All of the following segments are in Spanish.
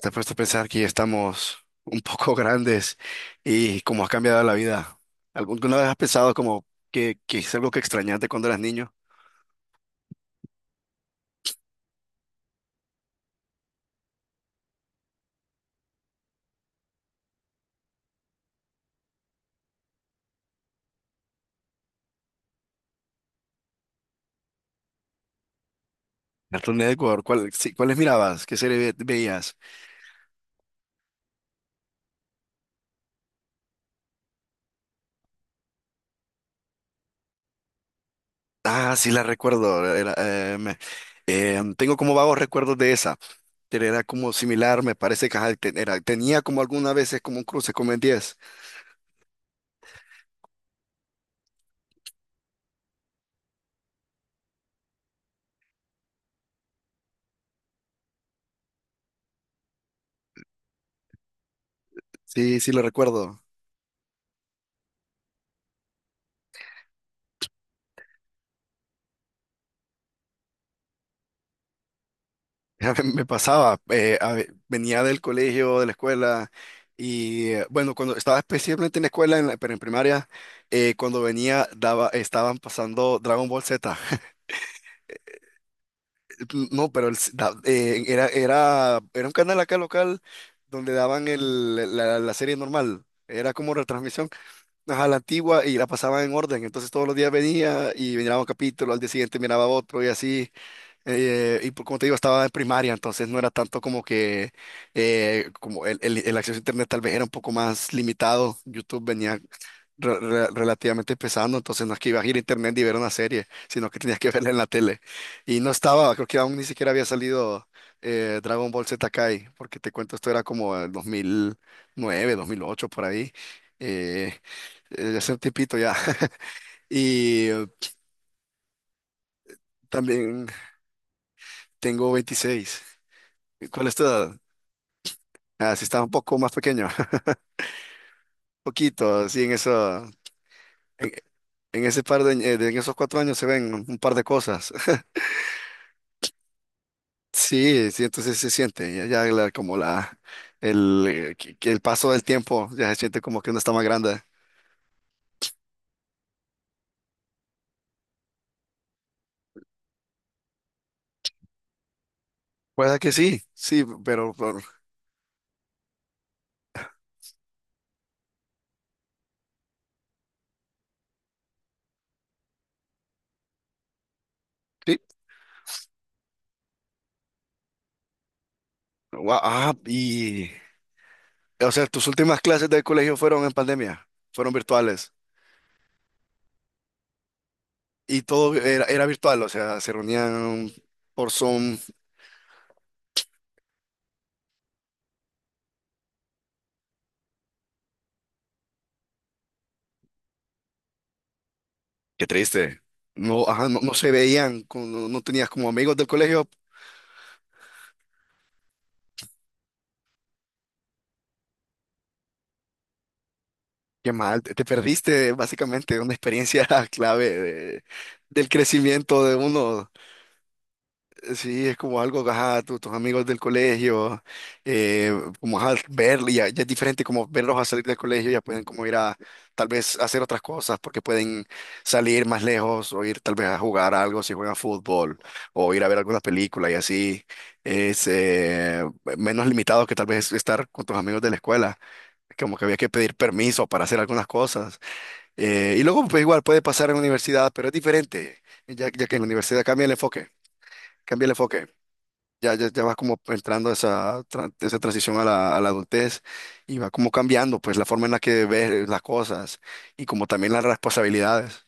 Te has puesto a pensar que ya estamos un poco grandes y cómo ha cambiado la vida. ¿Alguna vez has pensado como que es algo que extrañaste cuando eras niño? Cartoon Network, ¿cuál, sí, cuáles mirabas? ¿Qué serie veías? Ah, sí la recuerdo. Tengo como vagos recuerdos de esa. Pero era como similar, me parece que ajá, tenía como algunas veces como un cruce con Ben 10. Sí, sí lo recuerdo. Ya, me pasaba, venía del colegio, de la escuela, y bueno, cuando estaba especialmente en la escuela, pero en primaria, cuando venía, daba, estaban pasando Dragon Ball Z. No, pero era, era un canal acá local donde daban la serie normal, era como retransmisión, ajá, la antigua, y la pasaban en orden, entonces todos los días venía y miraba un capítulo, al día siguiente miraba otro y así. Y como te digo, estaba en primaria, entonces no era tanto como que como el acceso a internet tal vez era un poco más limitado. YouTube venía relativamente empezando, entonces no es que ibas a ir a internet y ver una serie, sino que tenías que verla en la tele. Y no estaba, creo que aún ni siquiera había salido Dragon Ball Z Kai, porque te cuento, esto era como el 2009, 2008 por ahí. Eh, Hace un tiempito ya. Y también tengo 26. ¿Cuál es tu edad? Ah, sí, estaba un poco más pequeño, un poquito, sí, en eso, en, en ese par de, en esos 4 años se ven un par de cosas. Sí, sí, entonces se siente, como que el paso del tiempo, ya se siente como que uno está más grande. Puede que sí, sí, sí. Y, o sea, tus últimas clases del colegio fueron en pandemia, fueron virtuales, y todo era virtual, o sea, se reunían por Zoom. Qué triste. No, ajá, no, no se veían, no, no tenías como amigos del colegio. Qué mal, te perdiste básicamente una experiencia clave del crecimiento de uno. Sí, es como algo, ajá, tus amigos del colegio, eh, como ajá, verlo, ya es diferente como verlos a salir del colegio, ya pueden como ir a tal vez hacer otras cosas, porque pueden salir más lejos o ir tal vez a jugar algo si juegan fútbol o ir a ver alguna película y así es menos limitado que tal vez estar con tus amigos de la escuela. Como que había que pedir permiso para hacer algunas cosas. Y luego, pues igual puede pasar en la universidad, pero es diferente, ya que en la universidad cambia el enfoque, cambia el enfoque. Ya vas como entrando a esa transición a la adultez y va como cambiando pues la forma en la que ves las cosas y como también las responsabilidades.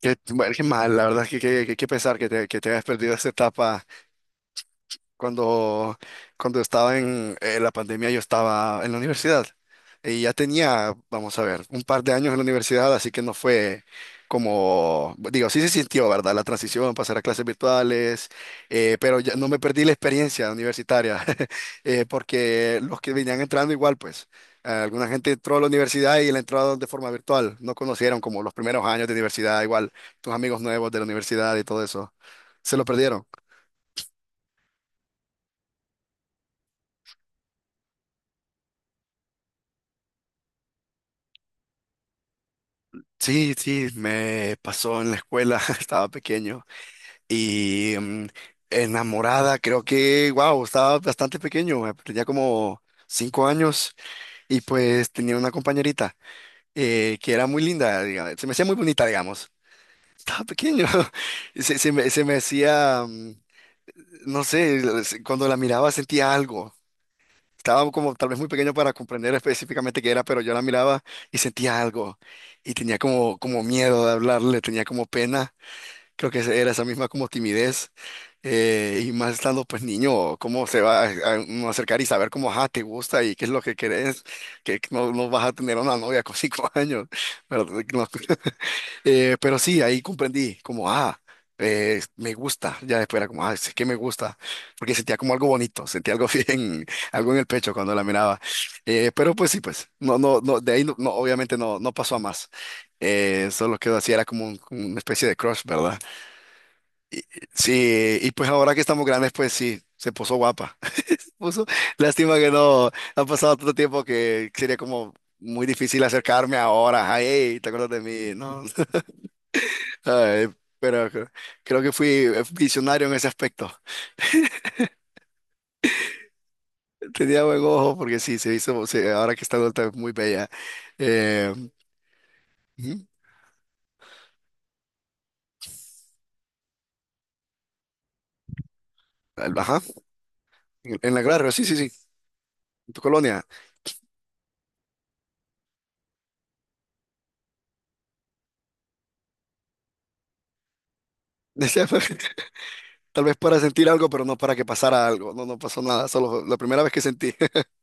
Bueno, qué mal, la verdad es que qué pesar que te hayas perdido esa etapa. Cuando, cuando estaba en la pandemia, yo estaba en la universidad y ya tenía, vamos a ver, un par de años en la universidad, así que no fue como, digo, sí se sintió, ¿verdad? La transición, pasar a clases virtuales, pero ya no me perdí la experiencia universitaria, porque los que venían entrando igual, pues, alguna gente entró a la universidad y la entró de forma virtual, no conocieron como los primeros años de universidad, igual, tus amigos nuevos de la universidad y todo eso, se lo perdieron. Sí, sí, me pasó en la escuela, estaba pequeño y enamorada, creo que, wow, estaba bastante pequeño, tenía como 5 años, y pues tenía una compañerita que era muy linda, se me hacía muy bonita, digamos, estaba pequeño, y se me hacía, no sé, cuando la miraba sentía algo, estaba como tal vez muy pequeño para comprender específicamente qué era, pero yo la miraba y sentía algo y tenía como miedo de hablarle, tenía como pena. Creo que era esa misma como timidez, y más estando pues niño, cómo se va a uno acercar y saber cómo, ajá, te gusta y qué es lo que querés, que no, no vas a tener una novia con 5 años, pero, no, pero sí, ahí comprendí como, ah, me gusta, ya después era como, ah, es que me gusta, porque sentía como algo bonito, sentía algo bien, algo en el pecho cuando la miraba. Pero pues sí, pues, no, no, no, de ahí no, no, obviamente no, no pasó a más. Solo quedó así, era como como una especie de crush, ¿verdad? Y- Sí, y pues ahora que estamos grandes, pues sí, se puso guapa. Puso, Lástima que no ha pasado tanto tiempo, que sería como muy difícil acercarme ahora. Ay, "Ey, ¿te acuerdas de mí?". No. Ay, pero creo que fui visionario en ese aspecto. Tenía buen ojo porque sí, se hizo, ahora que está adulta es muy bella. Eh, Ujú, ajá, en la Granja, sí, sí, sí, en tu colonia. Decía, tal vez para sentir algo, pero no para que pasara algo. No, no pasó nada, solo la primera vez que sentí.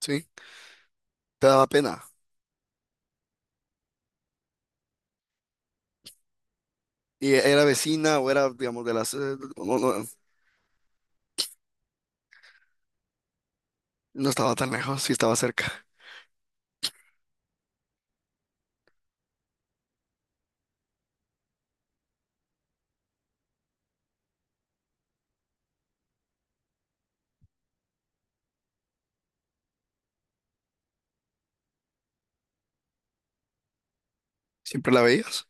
Sí. Te daba pena. Y era vecina o era, digamos, de las... No, no, no estaba tan lejos, sí estaba cerca. ¿Siempre la veías?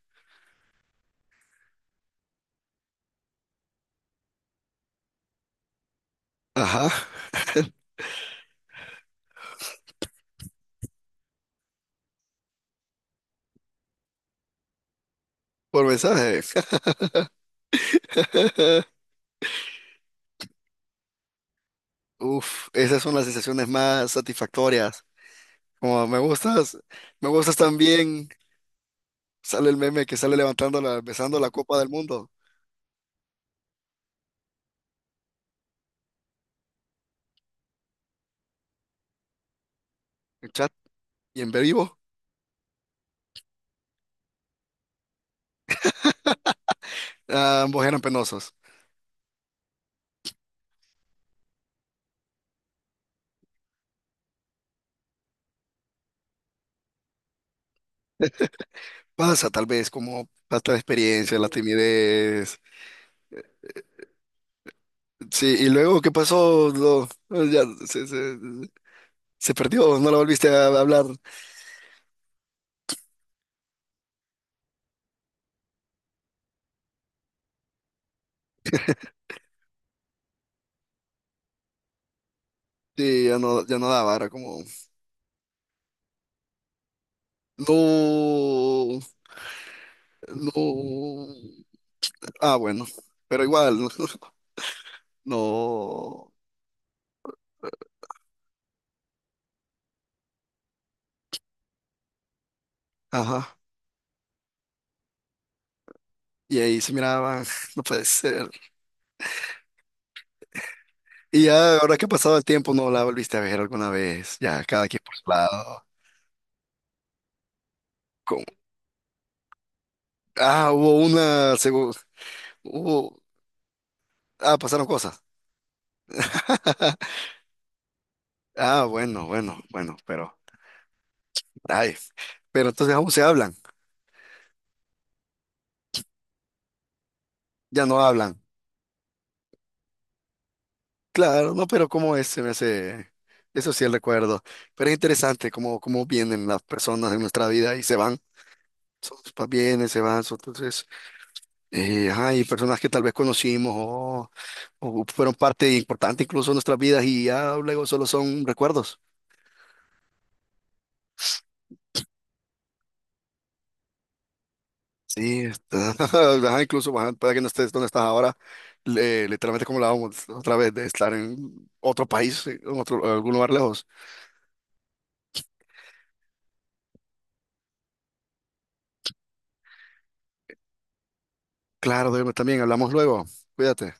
Ajá. Por mensaje. Uf, esas son las sensaciones más satisfactorias. Como me gustas también. Sale el meme que sale levantando la, besando la copa del mundo. En chat y en vivo. Ah, ambos eran penosos. Pasa tal vez como falta de experiencia, la timidez. Sí, y luego, ¿qué pasó? Ya. Se perdió, no la volviste a hablar. Sí, ya no daba, era como, no, no. Ah, bueno, pero igual, no. No. Ajá. Y ahí se miraban, no puede ser. Y ya, ahora que ha pasado el tiempo, no la volviste a ver alguna vez. Ya, cada quien por su lado. Con- Ah, hubo una, seguro. Hubo... Ah, pasaron cosas. Ah, bueno, bueno, bueno, pero. Ay, pero entonces aún se hablan, ya no hablan. Claro, no, pero como es, se me hace, eso sí el recuerdo. Pero es interesante cómo vienen las personas de nuestra vida y se van. Vienen, se van, entonces, ajá, y personas que tal vez conocimos o fueron parte importante incluso de nuestras vidas y ya luego solo son recuerdos. Sí, está, ajá, incluso ajá, puede que no estés donde estás ahora, literalmente como hablábamos otra vez de estar en otro país, algún lugar lejos. Claro, Diego, también hablamos luego. Cuídate.